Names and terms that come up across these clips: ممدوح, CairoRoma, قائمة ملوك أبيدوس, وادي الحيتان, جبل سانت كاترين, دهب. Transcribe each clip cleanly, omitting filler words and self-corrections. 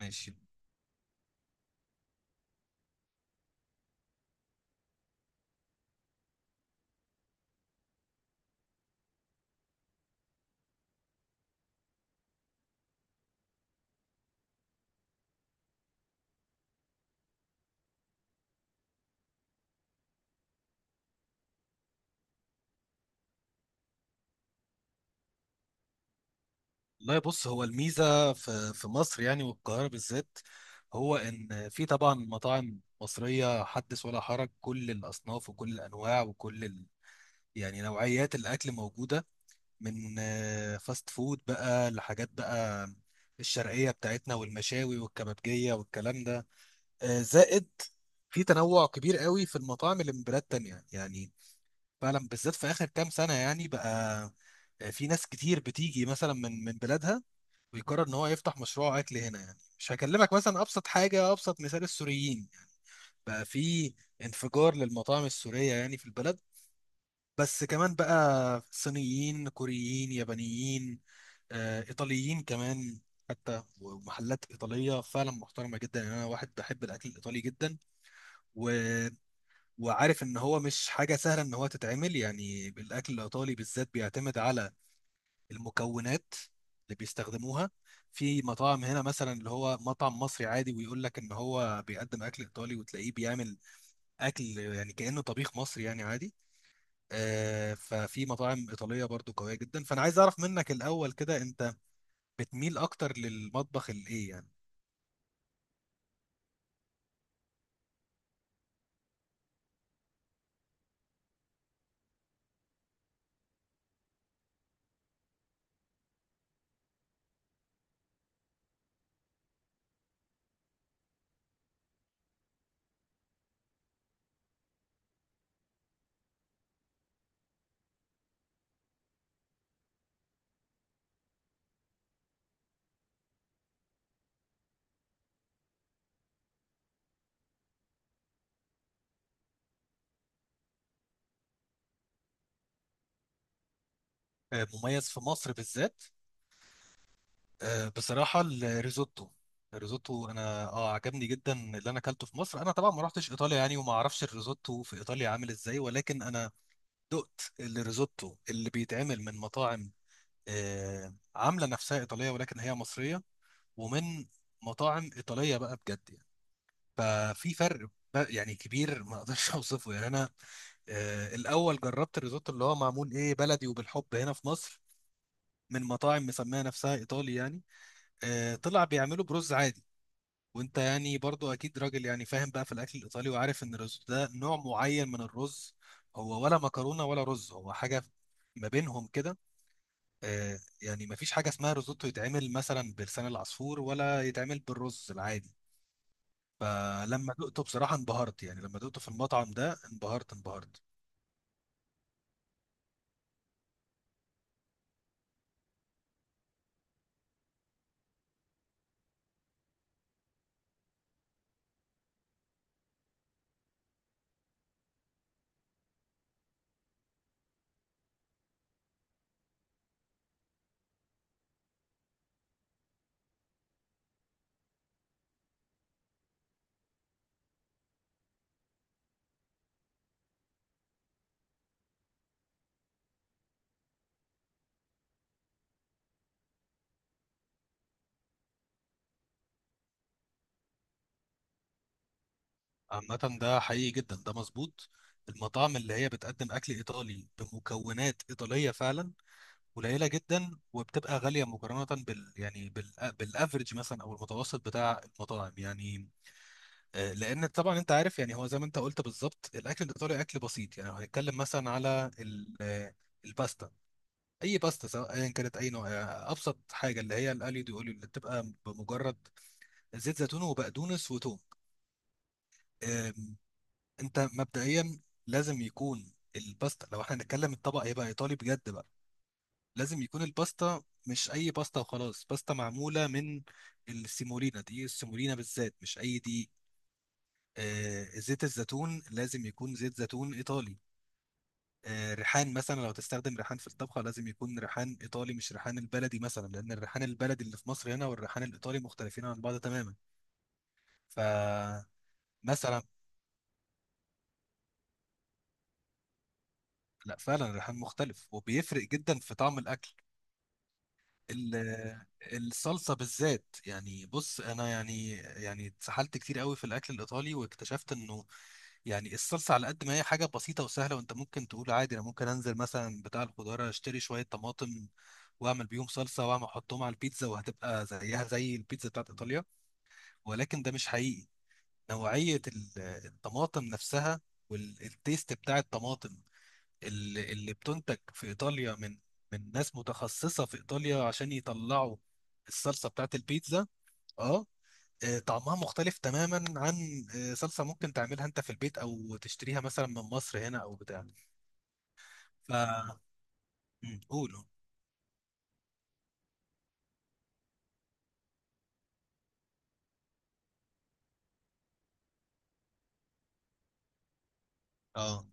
ماشي. لا، بص، هو الميزة في مصر يعني، والقاهرة بالذات. هو إن في طبعا مطاعم مصرية حدث ولا حرج، كل الأصناف وكل الأنواع يعني نوعيات الأكل موجودة، من فاست فود بقى لحاجات بقى الشرقية بتاعتنا والمشاوي والكبابجية والكلام ده. زائد في تنوع كبير قوي في المطاعم اللي من بلاد تانية، يعني فعلا بالذات في آخر كام سنة يعني بقى. في ناس كتير بتيجي مثلا من بلادها ويقرر ان هو يفتح مشروع اكل هنا، يعني مش هكلمك مثلا ابسط حاجه، ابسط مثال السوريين، بقى في انفجار للمطاعم السوريه يعني في البلد. بس كمان بقى صينيين، كوريين، يابانيين، ايطاليين كمان. حتى ومحلات ايطاليه فعلا محترمه جدا، يعني انا واحد بحب الاكل الايطالي جدا و... وعارف ان هو مش حاجه سهله ان هو تتعمل. يعني الاكل الايطالي بالذات بيعتمد على المكونات اللي بيستخدموها. في مطاعم هنا مثلا اللي هو مطعم مصري عادي ويقول لك ان هو بيقدم اكل ايطالي، وتلاقيه بيعمل اكل يعني كأنه طبيخ مصري يعني عادي. ففي مطاعم ايطالية برضو قوية جدا، فانا عايز اعرف منك الاول كده، انت بتميل اكتر للمطبخ الايه يعني؟ مميز في مصر بالذات. بصراحة الريزوتو، الريزوتو انا عجبني جدا اللي انا اكلته في مصر. انا طبعا ما رحتش ايطاليا يعني، وما اعرفش الريزوتو في ايطاليا عامل ازاي، ولكن انا دقت الريزوتو اللي بيتعمل من مطاعم عامله نفسها ايطاليه ولكن هي مصريه، ومن مطاعم ايطاليه بقى بجد يعني. ففي فرق بقى يعني كبير ما اقدرش اوصفه يعني. انا الاول جربت الريزوتو اللي هو معمول ايه بلدي وبالحب هنا في مصر، من مطاعم مسميه نفسها ايطالي يعني. طلع بيعملوا برز عادي. وانت يعني برضو اكيد راجل يعني فاهم بقى في الاكل الايطالي، وعارف ان الريزوتو ده نوع معين من الرز، هو ولا مكرونه ولا رز، هو حاجه ما بينهم كده. يعني مفيش حاجة اسمها روزوتو يتعمل مثلا بلسان العصفور، ولا يتعمل بالرز العادي. لما دقته بصراحة انبهرت، يعني لما دقته في المطعم ده انبهرت انبهرت. عامة ده حقيقي جدا، ده مظبوط. المطاعم اللي هي بتقدم أكل إيطالي بمكونات إيطالية فعلا قليلة جدا، وبتبقى غالية مقارنة بال، يعني بال بالأفريج مثلا أو المتوسط بتاع المطاعم يعني. لأن طبعا أنت عارف، يعني هو زي ما أنت قلت بالظبط، الأكل الإيطالي أكل بسيط، يعني لو هنتكلم مثلا على الباستا، اي باستا سواء ايا كانت اي نوع. ابسط حاجه اللي هي الاليو دي اوليو، اللي بتبقى بمجرد زيت زيتون وبقدونس وتوم. آم، انت مبدئيا لازم يكون الباستا، لو احنا هنتكلم الطبق هيبقى ايطالي بجد بقى، لازم يكون الباستا مش اي باستا وخلاص، باستا معموله من السيمولينا، دي السيمولينا بالذات مش اي دي. زيت الزيتون لازم يكون زيت زيتون ايطالي. ريحان، مثلا لو تستخدم ريحان في الطبخة لازم يكون ريحان إيطالي، مش ريحان البلدي مثلا، لأن الريحان البلدي اللي في مصر هنا والريحان الإيطالي مختلفين عن بعض تماما. فمثلا. لا، فعلا الريحان مختلف، وبيفرق جدا في طعم الأكل. ال- الصلصة بالذات، يعني بص أنا يعني اتسحلت كتير قوي في الأكل الإيطالي واكتشفت إنه يعني الصلصة على قد ما هي حاجة بسيطة وسهلة، وأنت ممكن تقول عادي، أنا ممكن أنزل مثلا بتاع الخضار أشتري شوية طماطم وأعمل بيهم صلصة، وأعمل أحطهم على البيتزا وهتبقى زيها زي البيتزا بتاعت إيطاليا، ولكن ده مش حقيقي. نوعية الطماطم نفسها، والتيست بتاع الطماطم اللي بتنتج في ايطاليا من ناس متخصصه في ايطاليا عشان يطلعوا الصلصه بتاعت البيتزا. اه. طعمها مختلف تماما عن صلصه ممكن تعملها انت في البيت، او تشتريها مثلا من مصر هنا او بتاع. ف قول. اه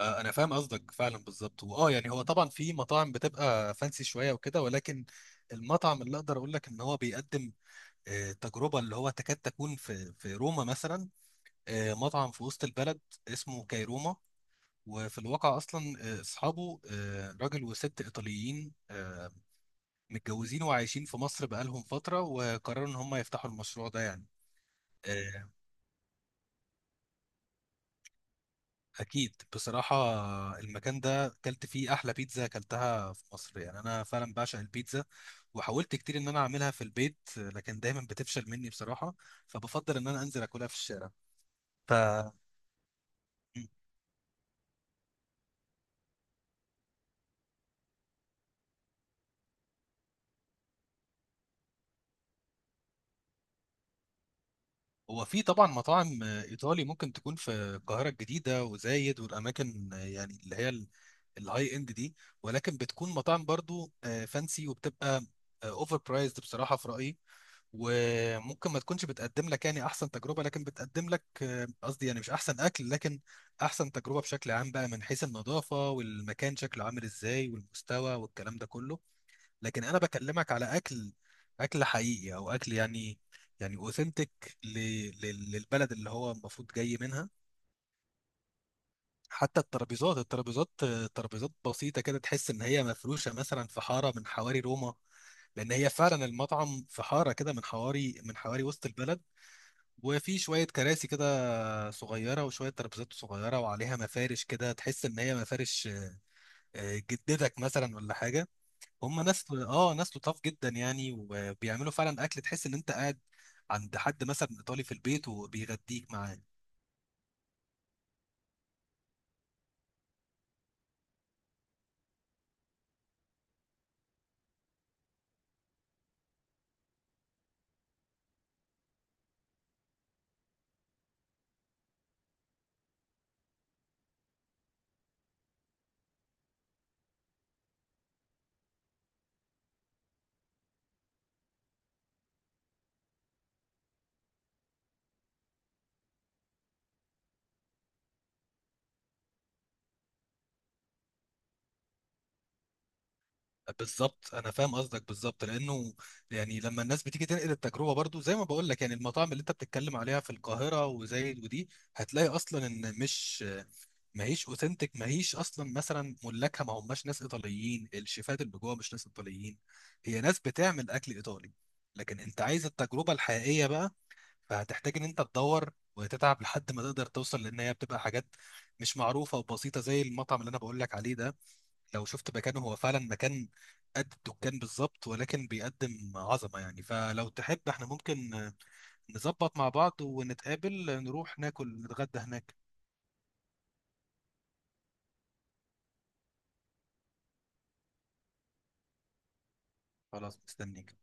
انا فاهم قصدك فعلا بالظبط، واه يعني هو طبعا في مطاعم بتبقى فانسي شويه وكده، ولكن المطعم اللي اقدر اقول لك ان هو بيقدم تجربه اللي هو تكاد تكون في روما مثلا، مطعم في وسط البلد اسمه كايروما. وفي الواقع اصلا اصحابه راجل وست ايطاليين متجوزين وعايشين في مصر بقالهم فتره، وقرروا ان هم يفتحوا المشروع ده يعني. آه، اكيد بصراحه. المكان ده اكلت فيه احلى بيتزا اكلتها في مصر، يعني انا فعلا بعشق البيتزا، وحاولت كتير ان انا اعملها في البيت لكن دايما بتفشل مني بصراحه، فبفضل ان انا انزل اكلها في الشارع. ف هو في طبعا مطاعم ايطالي ممكن تكون في القاهره الجديده وزايد والاماكن، يعني اللي هي الهاي اند دي، ولكن بتكون مطاعم برضو فانسي، وبتبقى اوفر برايزد بصراحه في رايي، وممكن ما تكونش بتقدم لك يعني احسن تجربه، لكن بتقدم لك قصدي يعني مش احسن اكل، لكن احسن تجربه بشكل عام بقى، من حيث النظافه والمكان شكله عامل ازاي والمستوى والكلام ده كله. لكن انا بكلمك على اكل، اكل حقيقي، او اكل يعني يعني اوثنتيك للبلد اللي هو المفروض جاي منها. حتى الترابيزات، الترابيزات، ترابيزات بسيطة كده، تحس إن هي مفروشة مثلا في حارة من حواري روما. لأن هي فعلا المطعم في حارة كده من حواري وسط البلد. وفي شوية كراسي كده صغيرة، وشوية ترابيزات صغيرة وعليها مفارش كده، تحس إن هي مفارش جدتك مثلا ولا حاجة. هم ناس لطاف جدا، يعني وبيعملوا فعلا أكل تحس إن أنت قاعد عند حد مثلا إيطالي في البيت وبيغديك معاه. بالظبط انا فاهم قصدك بالظبط، لانه يعني لما الناس بتيجي تنقل التجربه برضو زي ما بقول لك، يعني المطاعم اللي انت بتتكلم عليها في القاهره وزايد ودي، هتلاقي اصلا ان مش ما هيش اوثنتك، ما هيش اصلا مثلا ملاكها ما هماش ناس ايطاليين، الشيفات اللي جوه مش ناس ايطاليين، هي ناس بتعمل اكل ايطالي، لكن انت عايز التجربه الحقيقيه بقى. فهتحتاج ان انت تدور وتتعب لحد ما تقدر توصل، لان هي بتبقى حاجات مش معروفه وبسيطه، زي المطعم اللي انا بقول لك عليه ده. لو شفت مكانه هو فعلا مكان قد الدكان بالظبط، ولكن بيقدم عظمة يعني. فلو تحب احنا ممكن نظبط مع بعض ونتقابل، نروح ناكل نتغدى هناك. خلاص، مستنيك.